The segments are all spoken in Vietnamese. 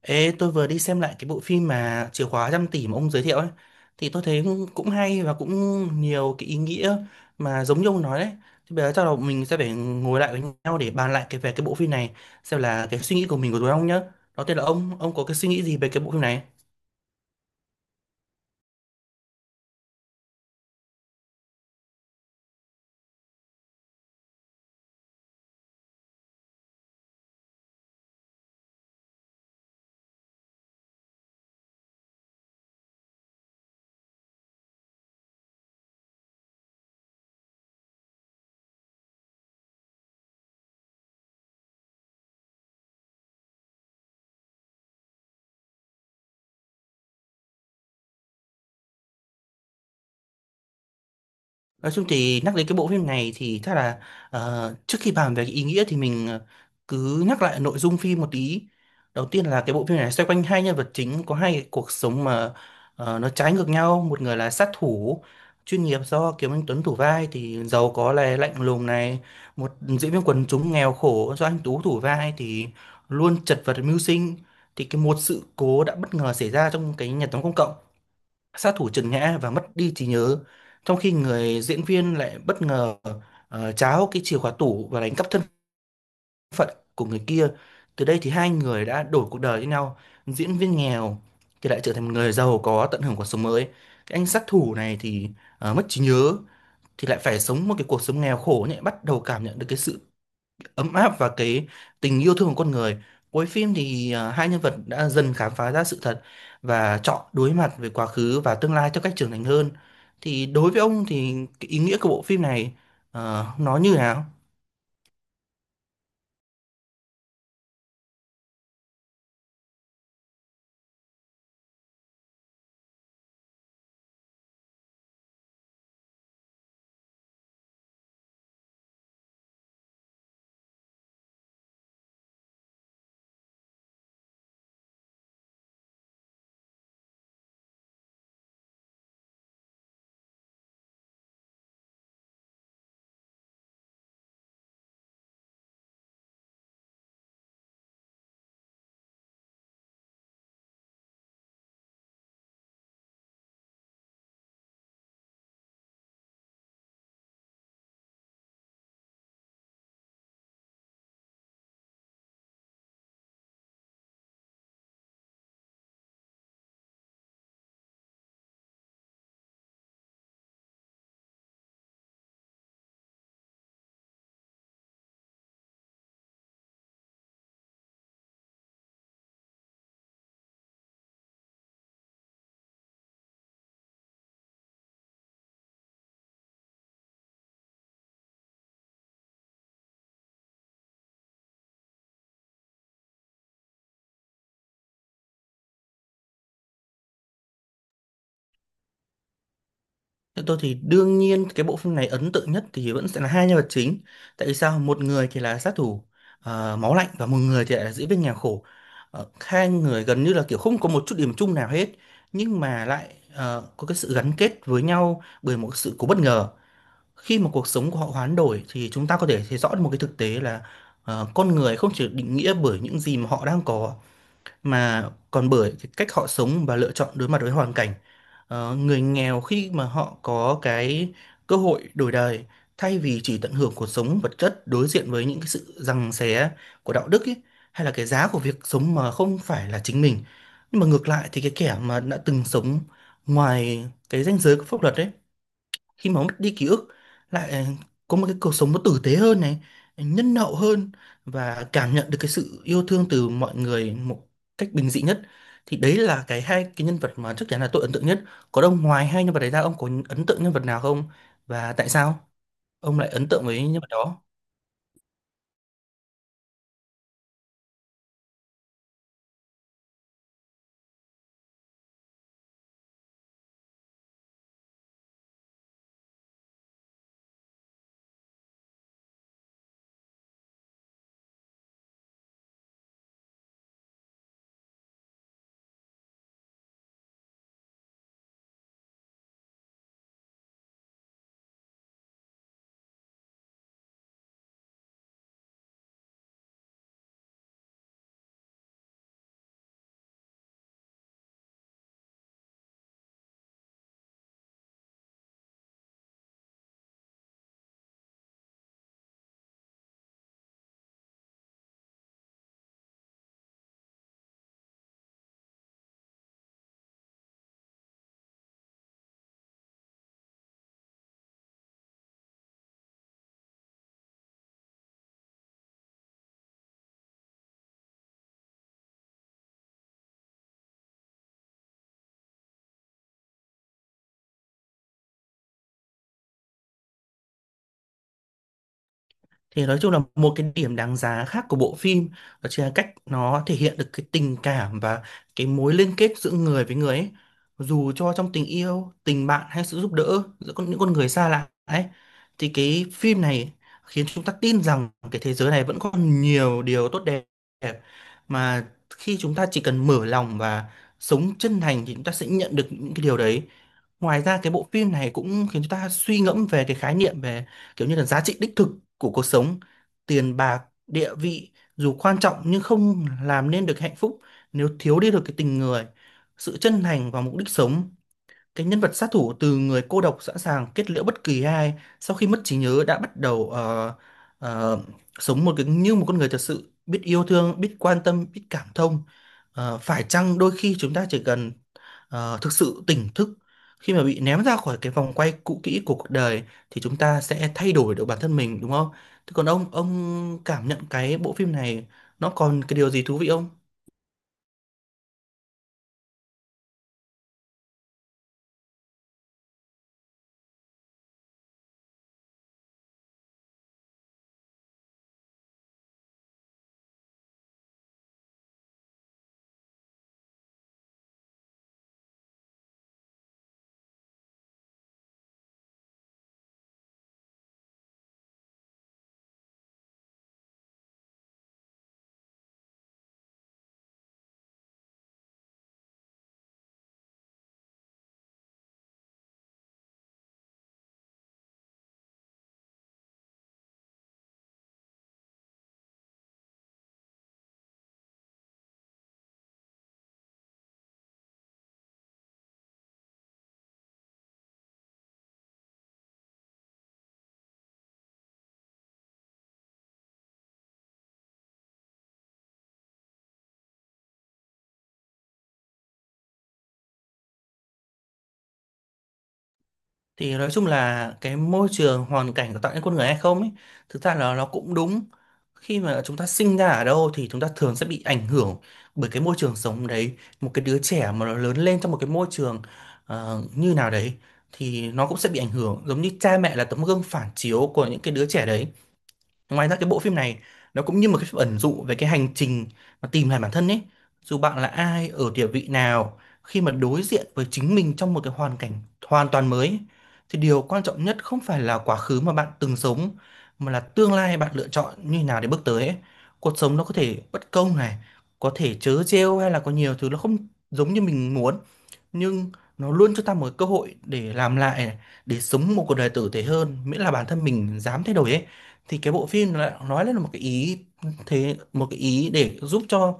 Ê, tôi vừa đi xem lại cái bộ phim mà Chìa khóa trăm tỷ mà ông giới thiệu ấy thì tôi thấy cũng cũng hay và cũng nhiều cái ý nghĩa mà giống như ông nói đấy. Thì bây giờ chắc là mình sẽ phải ngồi lại với nhau để bàn lại cái về cái bộ phim này, xem là cái suy nghĩ của mình, của tụi ông nhá. Đầu tiên là ông có cái suy nghĩ gì về cái bộ phim này? Nói chung thì nhắc đến cái bộ phim này thì chắc là, trước khi bàn về cái ý nghĩa thì mình cứ nhắc lại nội dung phim một tí. Đầu tiên là cái bộ phim này xoay quanh hai nhân vật chính có hai cái cuộc sống mà nó trái ngược nhau. Một người là sát thủ chuyên nghiệp do Kiều Anh Tuấn thủ vai thì giàu có này, lạnh lùng này. Một diễn viên quần chúng nghèo khổ do anh Tú thủ vai thì luôn chật vật mưu sinh. Thì cái một sự cố đã bất ngờ xảy ra trong cái nhà tắm công cộng. Sát thủ trượt ngã và mất đi trí nhớ, trong khi người diễn viên lại bất ngờ tráo cái chìa khóa tủ và đánh cắp thân của người kia. Từ đây thì hai người đã đổi cuộc đời với nhau. Diễn viên nghèo thì lại trở thành một người giàu có, tận hưởng cuộc sống mới. Cái anh sát thủ này thì mất trí nhớ thì lại phải sống một cái cuộc sống nghèo khổ, nhẹ bắt đầu cảm nhận được cái sự ấm áp và cái tình yêu thương của con người. Cuối phim thì hai nhân vật đã dần khám phá ra sự thật và chọn đối mặt với quá khứ và tương lai theo cách trưởng thành hơn. Thì đối với ông thì cái ý nghĩa của bộ phim này nó như nào? Theo tôi thì đương nhiên cái bộ phim này ấn tượng nhất thì vẫn sẽ là hai nhân vật chính. Tại vì sao? Một người thì là sát thủ máu lạnh, và một người thì lại là diễn viên nhà khổ. Hai người gần như là kiểu không có một chút điểm chung nào hết, nhưng mà lại có cái sự gắn kết với nhau bởi một sự cố bất ngờ. Khi mà cuộc sống của họ hoán đổi thì chúng ta có thể thấy rõ được một cái thực tế là, con người không chỉ định nghĩa bởi những gì mà họ đang có, mà còn bởi cái cách họ sống và lựa chọn đối mặt với hoàn cảnh. Người nghèo khi mà họ có cái cơ hội đổi đời, thay vì chỉ tận hưởng cuộc sống vật chất, đối diện với những cái sự giằng xé của đạo đức ấy, hay là cái giá của việc sống mà không phải là chính mình. Nhưng mà ngược lại thì cái kẻ mà đã từng sống ngoài cái ranh giới của pháp luật ấy, khi mà mất đi ký ức, lại có một cái cuộc sống nó tử tế hơn này, nhân hậu hơn, và cảm nhận được cái sự yêu thương từ mọi người một cách bình dị nhất. Thì đấy là cái hai cái nhân vật mà chắc chắn là tôi ấn tượng nhất. Còn ông, ngoài hai nhân vật đấy ra, ông có ấn tượng nhân vật nào không, và tại sao ông lại ấn tượng với nhân vật đó? Thì nói chung là một cái điểm đáng giá khác của bộ phim, đó chính là cách nó thể hiện được cái tình cảm và cái mối liên kết giữa người với người ấy. Dù cho trong tình yêu, tình bạn, hay sự giúp đỡ giữa những con người xa lạ ấy, thì cái phim này khiến chúng ta tin rằng cái thế giới này vẫn còn nhiều điều tốt đẹp, mà khi chúng ta chỉ cần mở lòng và sống chân thành thì chúng ta sẽ nhận được những cái điều đấy. Ngoài ra, cái bộ phim này cũng khiến chúng ta suy ngẫm về cái khái niệm về, kiểu như là giá trị đích thực của cuộc sống. Tiền bạc, địa vị dù quan trọng nhưng không làm nên được hạnh phúc nếu thiếu đi được cái tình người, sự chân thành và mục đích sống. Cái nhân vật sát thủ, từ người cô độc sẵn sàng kết liễu bất kỳ ai, sau khi mất trí nhớ đã bắt đầu, ờ, sống một cái như một con người thật sự biết yêu thương, biết quan tâm, biết cảm thông. Phải chăng đôi khi chúng ta chỉ cần thực sự tỉnh thức, khi mà bị ném ra khỏi cái vòng quay cũ kỹ của cuộc đời, thì chúng ta sẽ thay đổi được bản thân mình, đúng không? Thế còn ông cảm nhận cái bộ phim này nó còn cái điều gì thú vị không? Thì nói chung là cái môi trường hoàn cảnh có tạo nên con người hay không ấy, thực ra là nó cũng đúng. Khi mà chúng ta sinh ra ở đâu thì chúng ta thường sẽ bị ảnh hưởng bởi cái môi trường sống đấy. Một cái đứa trẻ mà nó lớn lên trong một cái môi trường như nào đấy thì nó cũng sẽ bị ảnh hưởng, giống như cha mẹ là tấm gương phản chiếu của những cái đứa trẻ đấy. Ngoài ra, cái bộ phim này nó cũng như một cái phim ẩn dụ về cái hành trình mà tìm lại bản thân ấy. Dù bạn là ai, ở địa vị nào, khi mà đối diện với chính mình trong một cái hoàn cảnh hoàn toàn mới ấy, thì điều quan trọng nhất không phải là quá khứ mà bạn từng sống, mà là tương lai bạn lựa chọn như thế nào để bước tới ấy. Cuộc sống nó có thể bất công này, có thể trớ trêu, hay là có nhiều thứ nó không giống như mình muốn, nhưng nó luôn cho ta một cơ hội để làm lại này, để sống một cuộc đời tử tế hơn, miễn là bản thân mình dám thay đổi ấy. Thì cái bộ phim nó lại nói lên một cái ý, thế một cái ý để giúp cho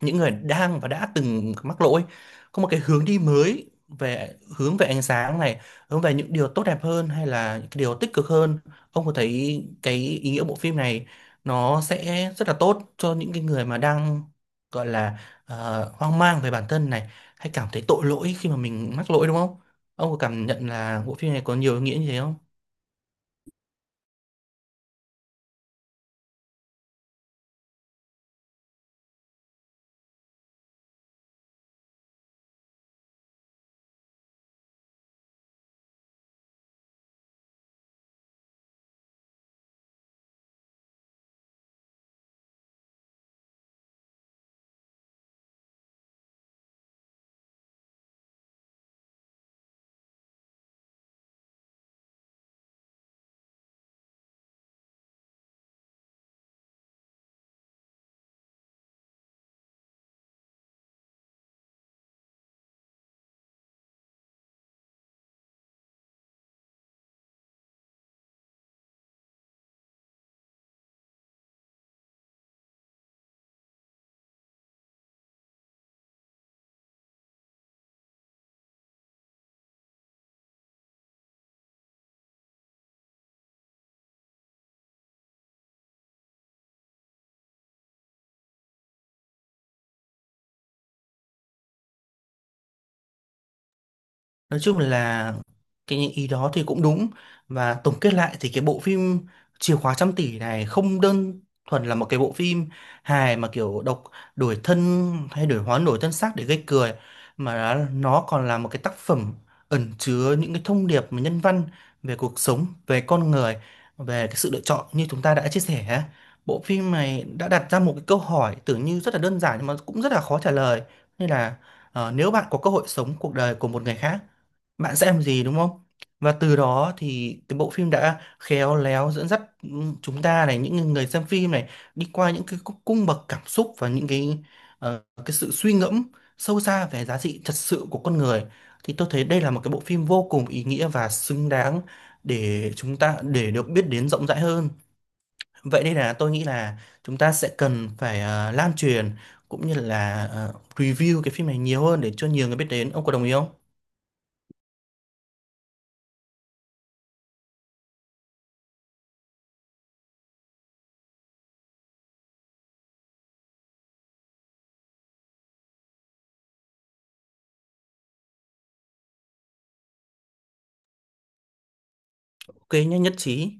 những người đang và đã từng mắc lỗi có một cái hướng đi mới, về hướng về ánh sáng này, hướng về những điều tốt đẹp hơn, hay là những cái điều tích cực hơn. Ông có thấy cái ý nghĩa bộ phim này nó sẽ rất là tốt cho những cái người mà đang, gọi là, hoang mang về bản thân này, hay cảm thấy tội lỗi khi mà mình mắc lỗi, đúng không? Ông có cảm nhận là bộ phim này có nhiều ý nghĩa như thế không? Nói chung là cái những ý đó thì cũng đúng. Và tổng kết lại thì cái bộ phim Chìa khóa trăm tỷ này không đơn thuần là một cái bộ phim hài mà kiểu độc, đổi thân hay đổi hóa đổi thân xác để gây cười, mà nó còn là một cái tác phẩm ẩn chứa những cái thông điệp mà nhân văn về cuộc sống, về con người, về cái sự lựa chọn như chúng ta đã chia sẻ á. Bộ phim này đã đặt ra một cái câu hỏi tưởng như rất là đơn giản nhưng mà cũng rất là khó trả lời. Nên là, nếu bạn có cơ hội sống cuộc đời của một người khác, bạn sẽ làm gì đúng không? Và từ đó thì cái bộ phim đã khéo léo dẫn dắt chúng ta này, những người xem phim này, đi qua những cái cung cung bậc cảm xúc và những cái cái sự suy ngẫm sâu xa về giá trị thật sự của con người. Thì tôi thấy đây là một cái bộ phim vô cùng ý nghĩa và xứng đáng để chúng ta, để được biết đến rộng rãi hơn. Vậy đây, là tôi nghĩ là chúng ta sẽ cần phải lan truyền cũng như là review cái phim này nhiều hơn để cho nhiều người biết đến. Ông có đồng ý không? Ok nhé, nhất trí.